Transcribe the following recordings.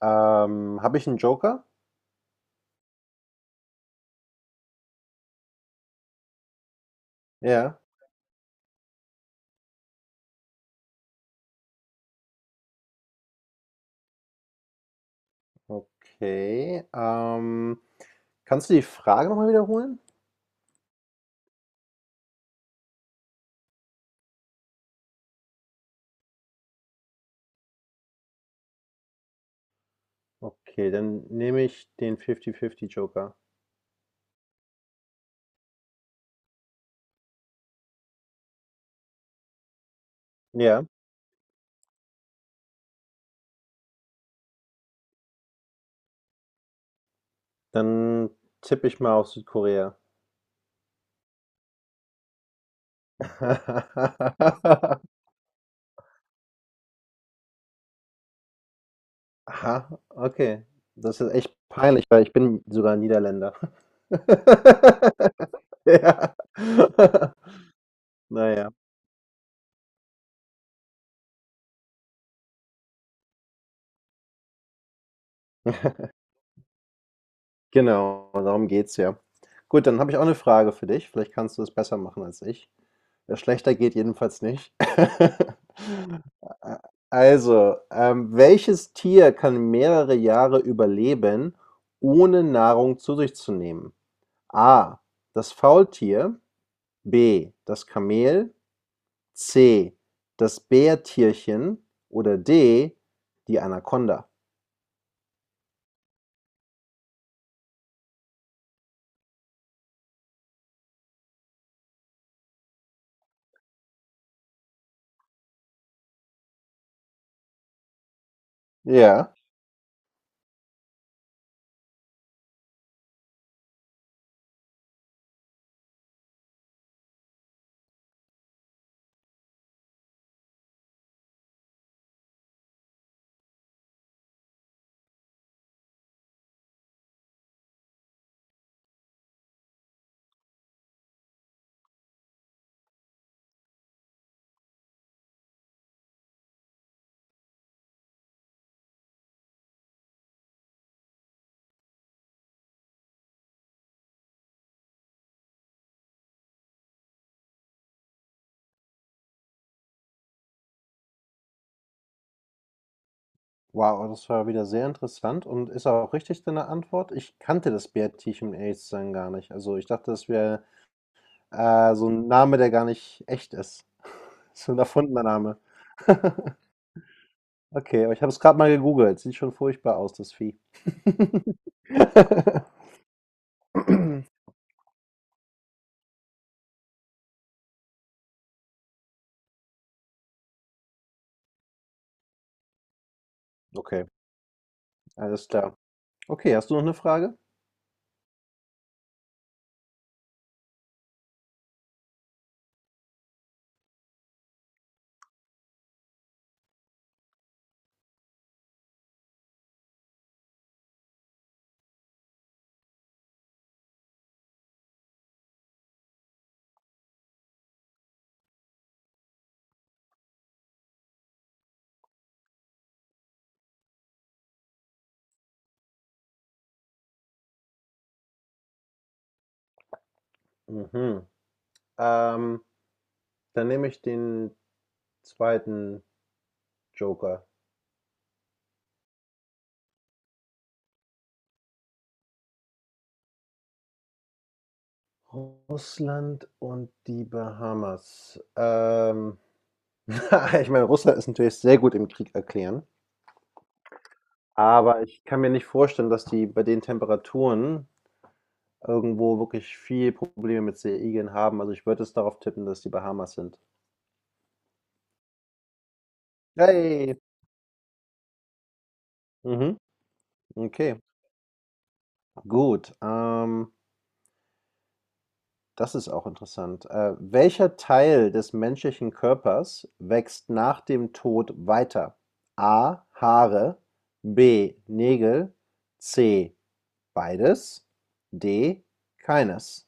Habe ich einen Joker? Ja, okay. Kannst du die Frage noch mal wiederholen? Okay, dann nehme ich den 50/50 Joker. Ja, dann tippe ich mal auf Südkorea. Aha, okay. Das ist echt peinlich, weil ich bin sogar Niederländer. Ja. Na ja. Genau, darum geht's ja. Gut, dann habe ich auch eine Frage für dich. Vielleicht kannst du es besser machen als ich. Schlechter geht jedenfalls nicht. Also, welches Tier kann mehrere Jahre überleben, ohne Nahrung zu sich zu nehmen? A: Das Faultier, B: das Kamel, C: das Bärtierchen oder D: die Anaconda? Ja. Wow, das war wieder sehr interessant und ist auch richtig deine Antwort. Ich kannte das Bärtierchen, um ehrlich zu sein, gar nicht. Also ich dachte, das wäre so ein Name, der gar nicht echt ist. So ein erfundener Name. Okay, aber ich habe es gerade mal gegoogelt. Sieht schon furchtbar aus, das Vieh. Okay, alles klar. Okay, hast du noch eine Frage? Mhm. Ähm, dann nehme ich den zweiten Joker. Russland und die Bahamas. Ich meine, Russland ist natürlich sehr gut im Krieg erklären, aber ich kann mir nicht vorstellen, dass die bei den Temperaturen irgendwo wirklich viel Probleme mit Seeigeln haben. Also ich würde es darauf tippen, dass die Bahamas sind. Hey! Mhm. Okay, gut. Das ist auch interessant. Welcher Teil des menschlichen Körpers wächst nach dem Tod weiter? A. Haare. B. Nägel. C. Beides. D. Keines.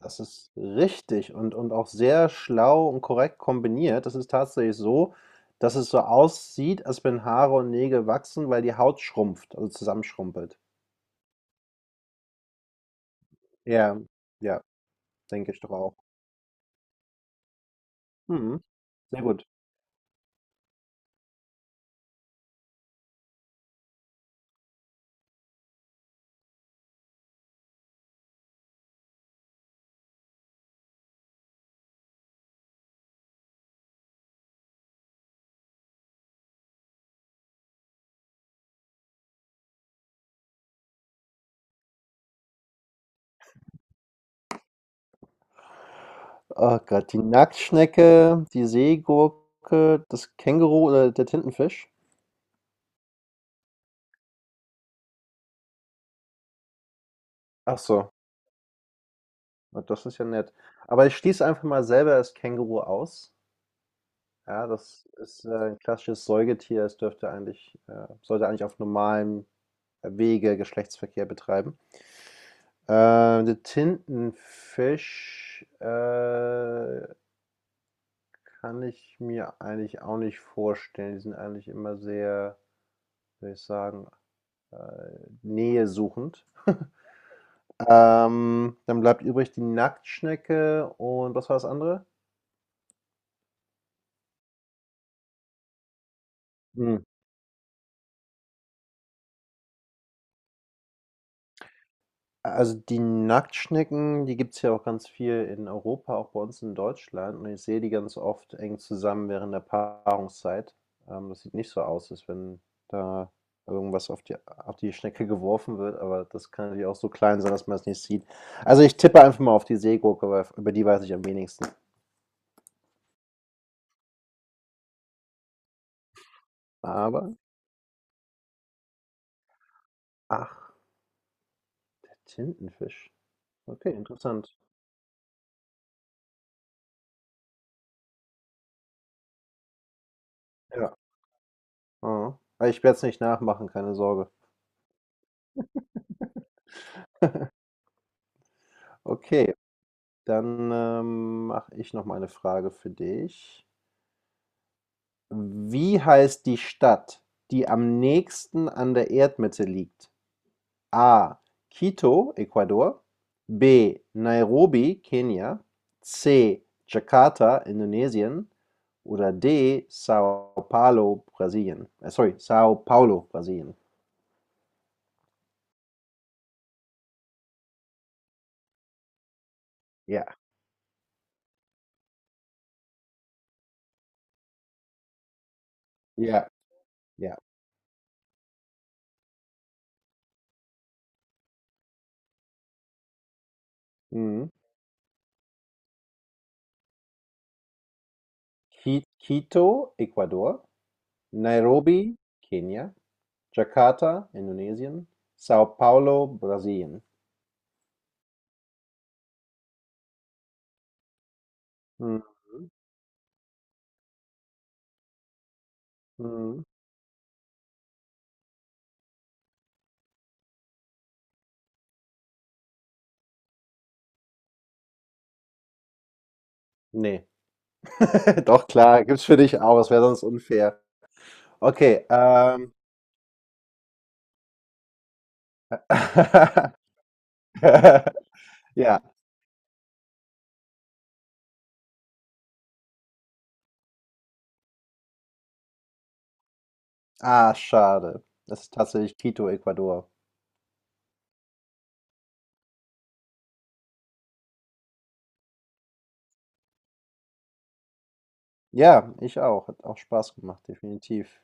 Das ist richtig und auch sehr schlau und korrekt kombiniert. Das ist tatsächlich so, dass es so aussieht, als wenn Haare und Nägel wachsen, weil die Haut schrumpft, also zusammenschrumpelt. Ja, ja, denke ich doch auch. Mhm, sehr gut. Oh Gott, die Nacktschnecke, die Seegurke, das Känguru oder der Tintenfisch? Ach so, na, das ist ja nett. Aber ich schließe einfach mal selber das Känguru aus. Ja, das ist ein klassisches Säugetier. Es dürfte eigentlich, sollte eigentlich auf normalem Wege Geschlechtsverkehr betreiben. Äh, Der Tintenfisch kann ich mir eigentlich auch nicht vorstellen. Die sind eigentlich immer sehr, würde ich sagen, nähesuchend. Dann bleibt übrig die Nacktschnecke und was war das andere? Hm. Also die Nacktschnecken, die gibt es ja auch ganz viel in Europa, auch bei uns in Deutschland. Und ich sehe die ganz oft eng zusammen während der Paarungszeit. Das sieht nicht so aus, als wenn da irgendwas auf die Schnecke geworfen wird, aber das kann natürlich auch so klein sein, dass man es nicht sieht. Also ich tippe einfach mal auf die Seegurke, weil über die weiß ich am wenigsten. Aber, ach, Tintenfisch. Okay, interessant. Ja. Mhm. Aber ich werde es nicht nachmachen, keine Sorge. Okay. Dann, mache ich noch mal eine Frage für dich. Wie heißt die Stadt, die am nächsten an der Erdmitte liegt? A: Quito, Ecuador, B: Nairobi, Kenia, C: Jakarta, Indonesien oder D: Sao Paulo, Brasilien. Sorry, Sao Paulo, Brasilien. Ja, ja, ja. Mhm. Quito, Ecuador, Nairobi, Kenia, Jakarta, Indonesien, Sao Paulo, Brasilien. Mhm, mhm. Ne. Doch, klar, gibt's für dich auch, das wäre sonst unfair. Okay. Ja. Ah, schade. Das ist tatsächlich Quito, Ecuador. Ja, ich auch. Hat auch Spaß gemacht, definitiv.